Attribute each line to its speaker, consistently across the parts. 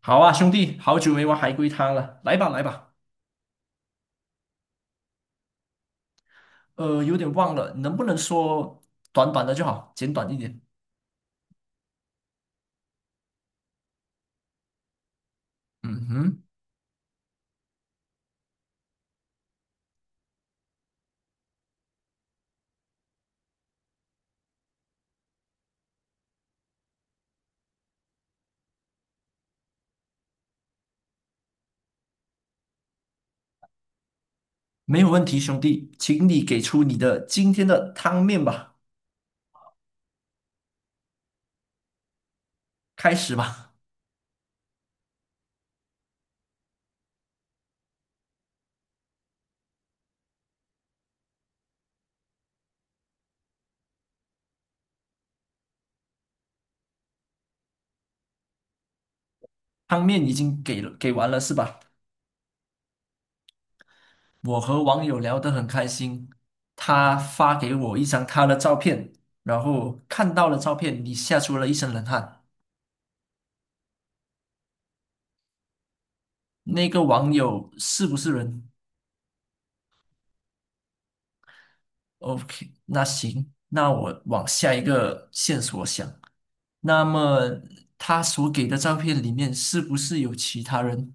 Speaker 1: 好啊，兄弟，好久没玩海龟汤了，来吧。有点忘了，能不能说短短的就好，简短一点？嗯哼，没有问题，兄弟，请你给出你的今天的汤面吧，开始吧。汤面已经给了，给完了是吧？我和网友聊得很开心，他发给我一张他的照片，然后看到了照片，你吓出了一身冷汗。那个网友是不是人？OK，那行，那我往下一个线索想。那么他所给的照片里面是不是有其他人？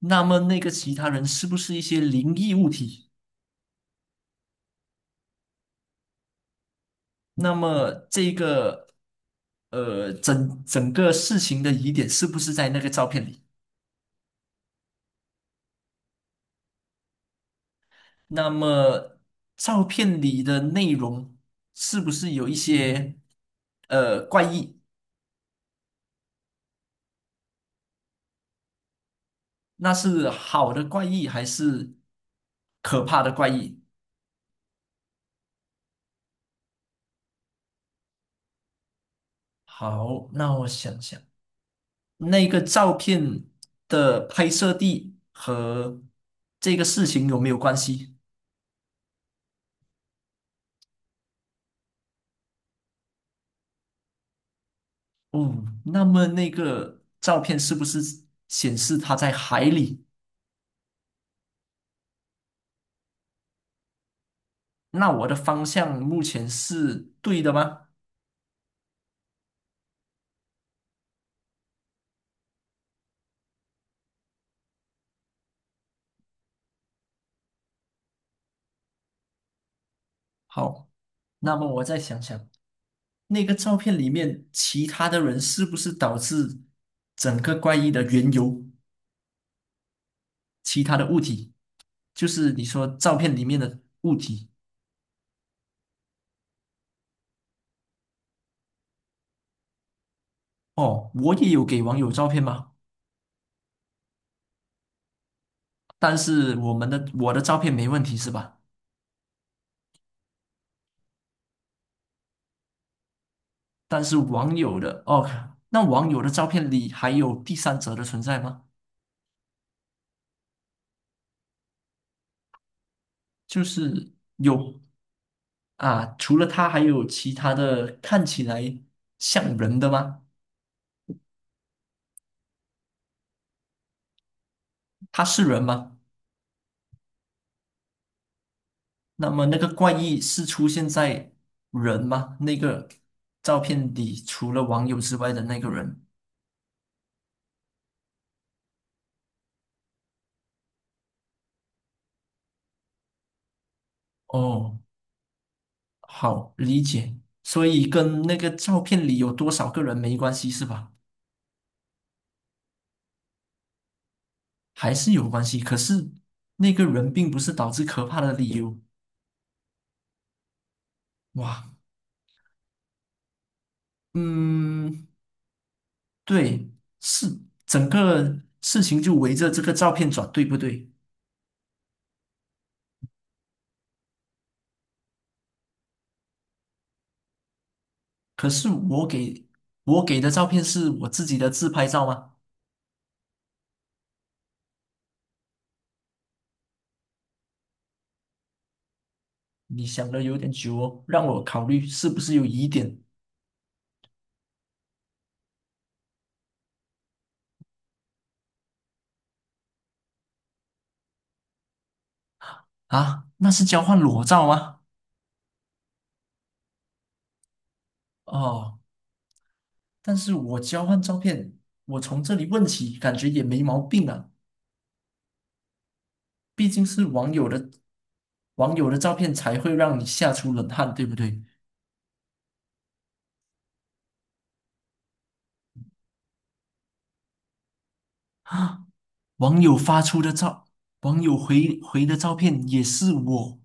Speaker 1: 那么那个其他人是不是一些灵异物体？那么这个整个事情的疑点是不是在那个照片里？那么照片里的内容是不是有一些怪异？那是好的怪异还是可怕的怪异？好，那我想想，那个照片的拍摄地和这个事情有没有关系？哦，那么那个照片是不是显示它在海里？那我的方向目前是对的吗？好，那么我再想想，那个照片里面其他的人是不是导致整个怪异的缘由？其他的物体，就是你说照片里面的物体。哦，我也有给网友照片吗？但是我的照片没问题是吧？但是网友的哦，那网友的照片里还有第三者的存在吗？就是有啊，除了他还有其他的看起来像人的吗？他是人吗？那么那个怪异是出现在人吗？那个照片里除了网友之外的那个人？哦。好理解，所以跟那个照片里有多少个人没关系是吧？还是有关系，可是那个人并不是导致可怕的理由。哇，嗯，对，是整个事情就围着这个照片转，对不对？可是我给的照片是我自己的自拍照吗？你想的有点久哦，让我考虑是不是有疑点啊？那是交换裸照吗？哦。但是我交换照片，我从这里问起，感觉也没毛病啊。毕竟是网友的照片才会让你吓出冷汗，对不对？啊，网友发出的照，网友回的照片也是我，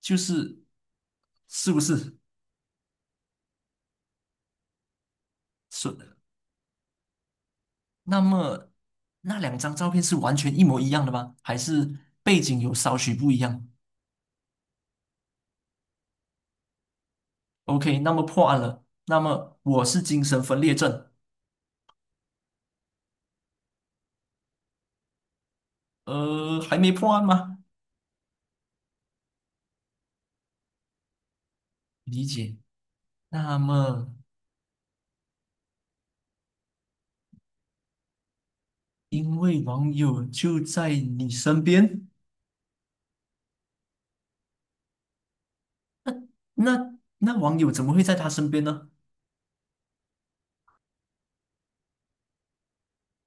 Speaker 1: 就是是不是？是。那么那2张照片是完全一模一样的吗？还是背景有稍许不一样？OK，那么破案了。那么我是精神分裂症，还没破案吗？理解。那么，因为网友就在你身边，那那网友怎么会在他身边呢？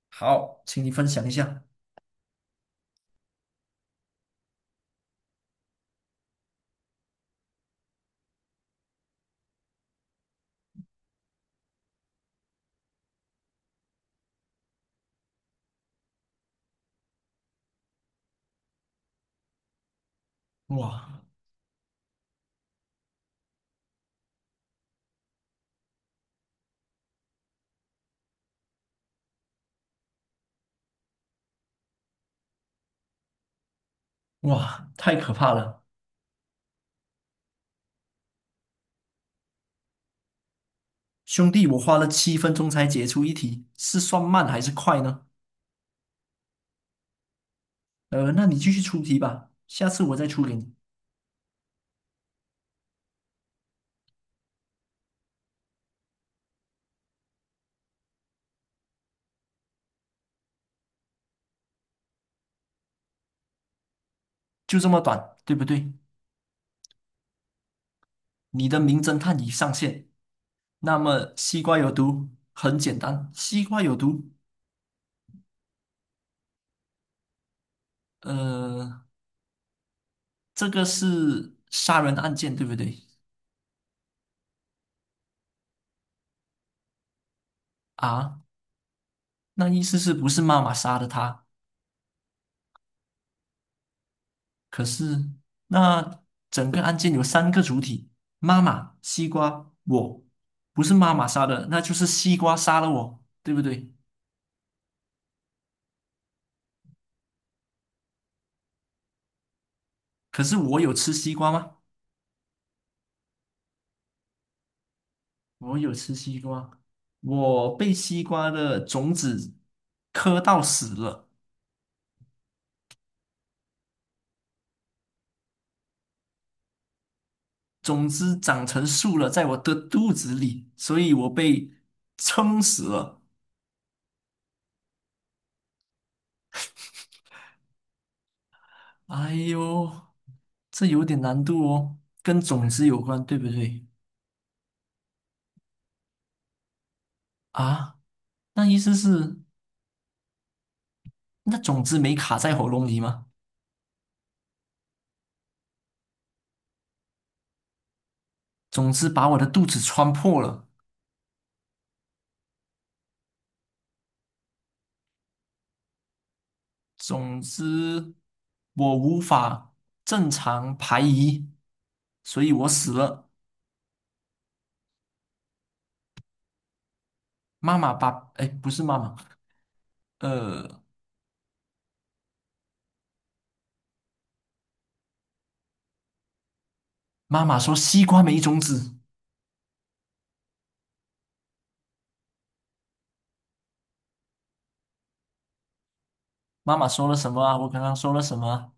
Speaker 1: 好，请你分享一下。哇哇，太可怕了！兄弟，我花了7分钟才解出一题，是算慢还是快呢？那你继续出题吧，下次我再出给你，就这么短，对不对？你的名侦探已上线。那么，西瓜有毒，很简单，西瓜有毒。呃，这个是杀人案件，对不对？啊，那意思是不是妈妈杀的他？可是那整个案件有3个主体：妈妈、西瓜、我。不是妈妈杀的，那就是西瓜杀了我，对不对？可是我有吃西瓜吗？我有吃西瓜，我被西瓜的种子磕到死了，种子长成树了，在我的肚子里，所以我被撑死了。哎呦，这有点难度哦，跟种子有关，对不对？啊，那意思是，那种子没卡在喉咙里吗？种子把我的肚子穿破了，种子我无法正常排遗，所以我死了。妈妈把，哎，不是妈妈，呃，妈妈说西瓜没种子。妈妈说了什么啊？我刚刚说了什么啊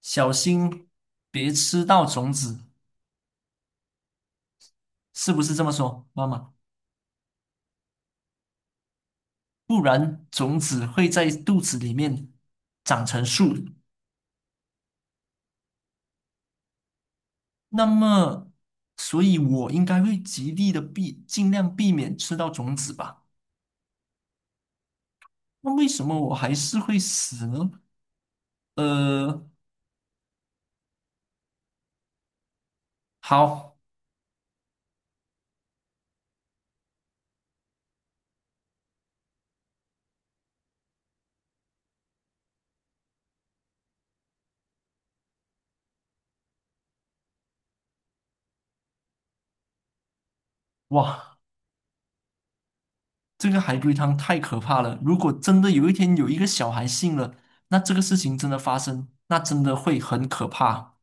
Speaker 1: 小心别吃到种子，是不是这么说，妈妈？不然种子会在肚子里面长成树。那么，所以我应该会极力的避，尽量避免吃到种子吧。那为什么我还是会死呢？呃，好，哇，这个海龟汤太可怕了。如果真的有一天有一个小孩信了，那这个事情真的发生，那真的会很可怕。